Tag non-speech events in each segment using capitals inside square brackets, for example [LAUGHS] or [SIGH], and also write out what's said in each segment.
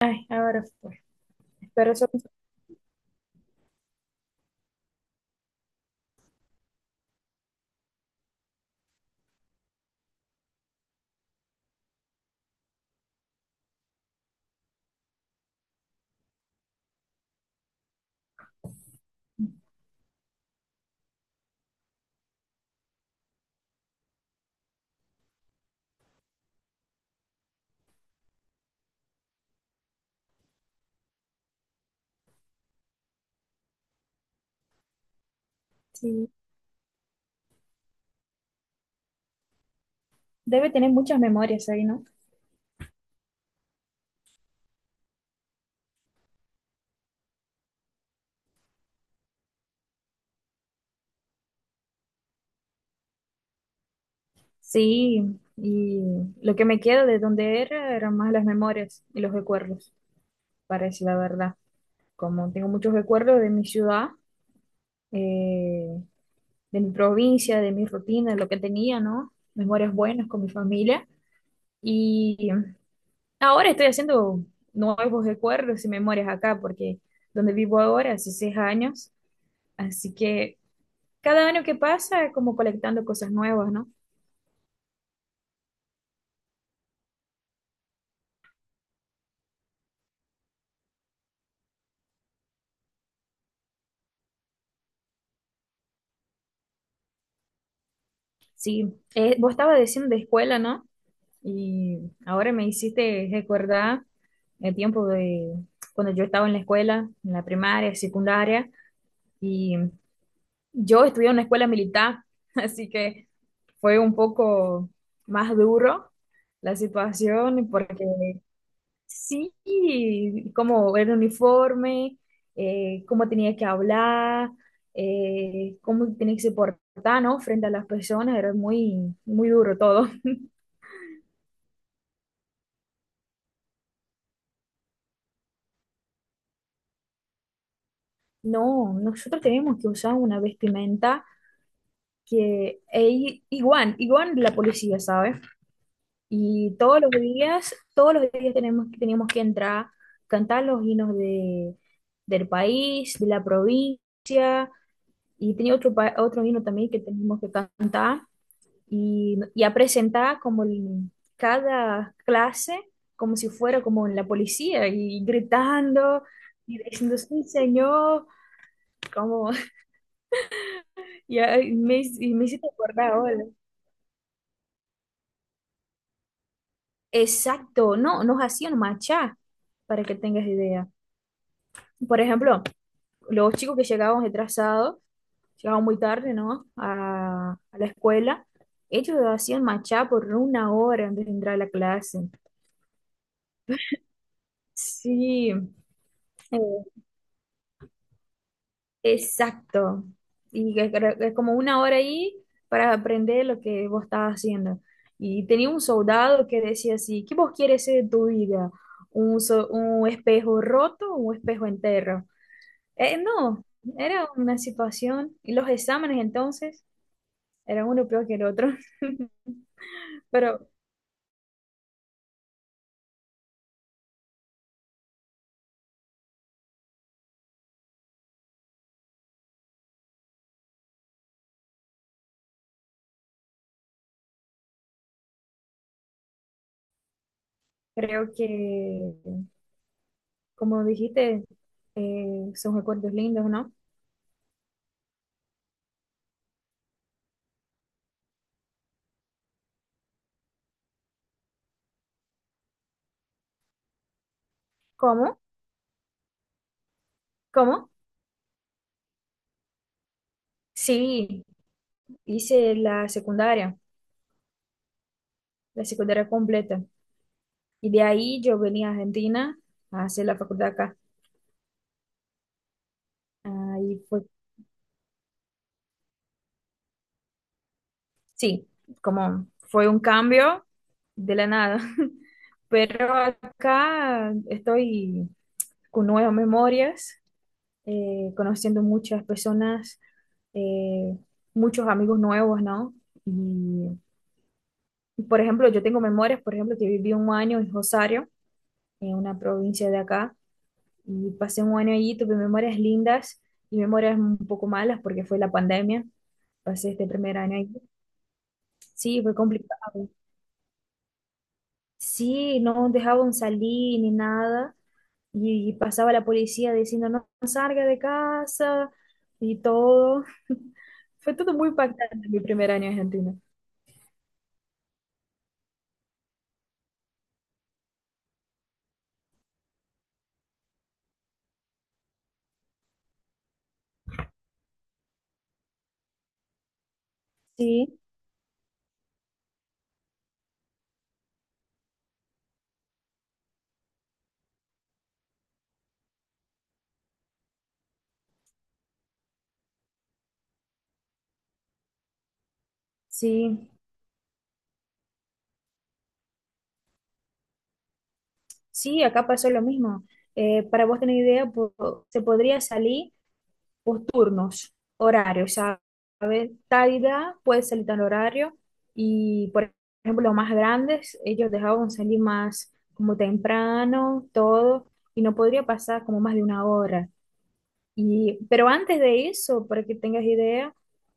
Ay, ahora fue. Pero eso sí, debe tener muchas memorias ahí, ¿no? Sí, y lo que me queda de donde era eran más las memorias y los recuerdos, para decir la verdad. Como tengo muchos recuerdos de mi ciudad, eh, de mi provincia, de mi rutina, de lo que tenía, ¿no? Memorias buenas con mi familia. Y ahora estoy haciendo nuevos recuerdos y memorias acá, porque donde vivo ahora hace seis años, así que cada año que pasa, como colectando cosas nuevas, ¿no? Sí, vos estabas diciendo de escuela, ¿no? Y ahora me hiciste recordar el tiempo de cuando yo estaba en la escuela, en la primaria, secundaria, y yo estudié en una escuela militar, [LAUGHS] así que fue un poco más duro la situación porque sí, cómo era el uniforme, cómo tenía que hablar, cómo tenía que se portar, ¿no? Frente a las personas, era muy, muy duro todo. [LAUGHS] No, nosotros tenemos que usar una vestimenta que es igual, igual de la policía, ¿sabes? Y todos los días tenemos, teníamos que entrar, cantar los himnos de, del país, de la provincia, y tenía otro, otro himno también que teníamos que cantar. Y, y a presentar como cada clase como si fuera como en la policía y gritando y diciendo, sí, señor, como [LAUGHS] ya me, y me hiciste acordar ahora. Exacto, no, nos hacían marchar, para que tengas idea. Por ejemplo, los chicos que llegaban retrasados, llegaban muy tarde, ¿no? A la escuela, ellos hacían marchar por una hora antes de entrar a la clase. Sí, exacto. Y que creo que es como una hora ahí para aprender lo que vos estabas haciendo. Y tenía un soldado que decía así, ¿qué vos quieres ser de tu vida? ¿Un, un espejo roto o un espejo entero? No, era una situación. Y los exámenes entonces eran uno peor que el otro. [LAUGHS] Pero creo que, como dijiste, son recuerdos lindos, ¿no? ¿Cómo? ¿Cómo? Sí, hice la secundaria, la secundaria completa. Y de ahí yo venía a Argentina a hacer la facultad acá. Ahí fue, sí, como fue un cambio de la nada. [LAUGHS] Pero acá estoy con nuevas memorias, conociendo muchas personas, eh, muchos amigos nuevos, ¿no? Y, por ejemplo, yo tengo memorias, por ejemplo, que viví un año en Rosario, en una provincia de acá y pasé un año allí, tuve memorias lindas y memorias un poco malas porque fue la pandemia, pasé este primer año allí. Sí, fue complicado. Sí, no dejaban salir ni nada y pasaba la policía diciendo no, no salga de casa y todo. [LAUGHS] Fue todo muy impactante mi primer año en Argentina. Sí, sí, sí, acá pasó lo mismo. Para vos tener idea, se podría salir, por turnos, horarios, ¿sabes? Tal edad puede salir tal horario y, por ejemplo, los más grandes, ellos dejaban salir más como temprano, todo, y no podría pasar como más de una hora. Y, pero antes de eso, para que tengas idea,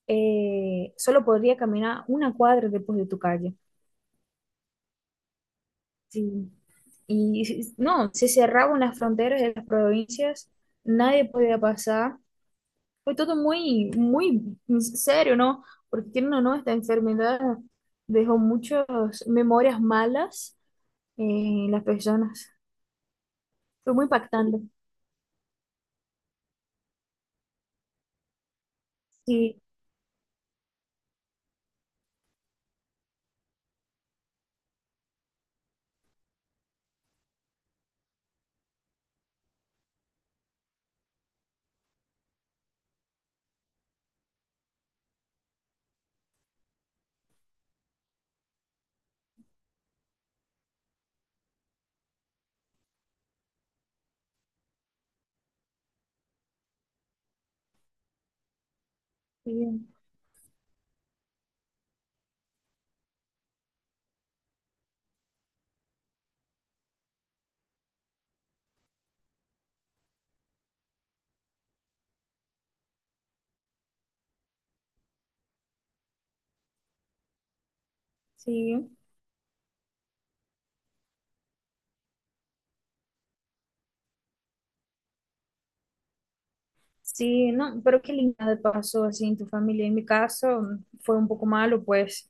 solo podría caminar una cuadra después de tu calle. Sí. No, se cerraban las fronteras de las provincias, nadie podía pasar. Fue todo muy, muy serio, ¿no? Porque quieren o no, esta enfermedad dejó muchas memorias malas en las personas. Fue muy impactante. Sí, sí, sí, sí, no, pero qué linda pasó así en tu familia. En mi caso fue un poco malo, pues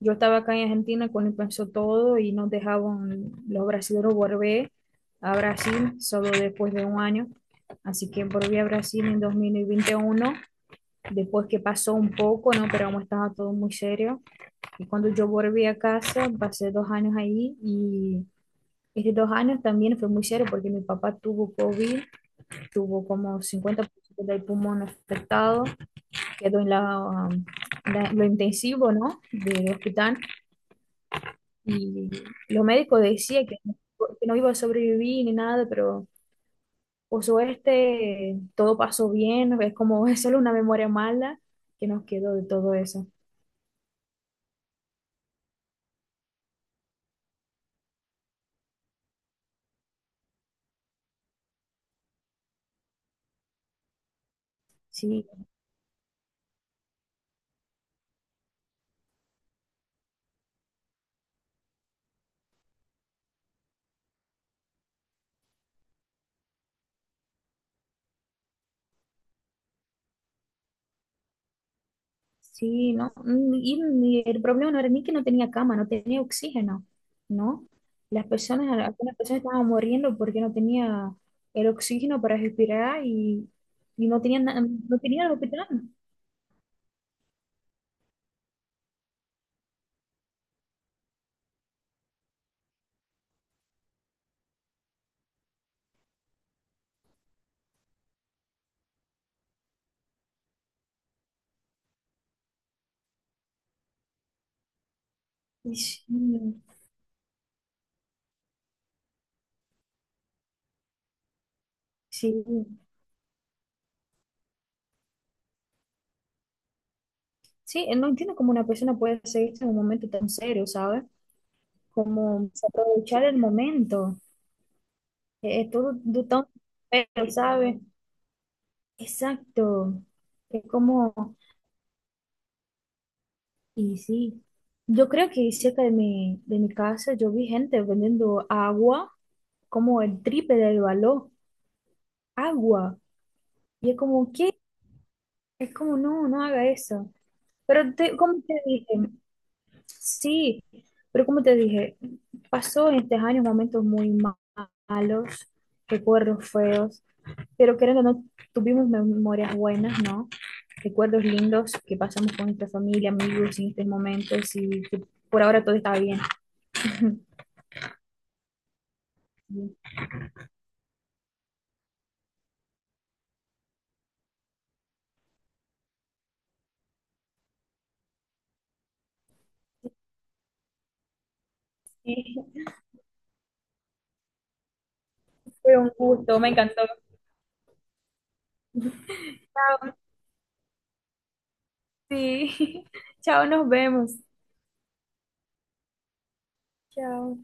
yo estaba acá en Argentina cuando empezó todo y nos dejaban los brasileños volver a Brasil solo después de un año. Así que volví a Brasil en 2021, después que pasó un poco, ¿no? Pero como estaba todo muy serio. Y cuando yo volví a casa, pasé dos años ahí y estos dos años también fue muy serio porque mi papá tuvo COVID, tuvo como cincuenta por ciento del pulmón afectado, quedó en la, um, lo intensivo, ¿no? Del hospital, y los médicos decían que no iba a sobrevivir ni nada, pero por suerte todo pasó bien, es como [LAUGHS] es solo una memoria mala que nos quedó de todo eso. Sí, sí, no, el problema no era ni que no tenía cama, no tenía oxígeno, ¿no? Las personas, algunas personas estaban muriendo porque no tenía el oxígeno para respirar y no tenían no tenían el hospital. Y sí, sí, sí, no entiendo cómo una persona puede hacer esto en un momento tan serio, ¿sabes? Como aprovechar el momento, todo, todo tan feo, ¿sabes? Exacto, es como y sí, yo creo que cerca de mi casa yo vi gente vendiendo agua como el triple del valor. Agua. Y es como, ¿qué? Es como, no, no haga eso. Pero te, como te dije, sí, pero como te dije, pasó en estos años momentos malos, recuerdos feos, pero creo que no tuvimos memorias buenas, ¿no? Recuerdos lindos que pasamos con nuestra familia, amigos en estos momentos y que por ahora todo está bien. [LAUGHS] Sí, fue un gusto, me encantó. Chao, sí. [LAUGHS] Chao, nos vemos. Chao.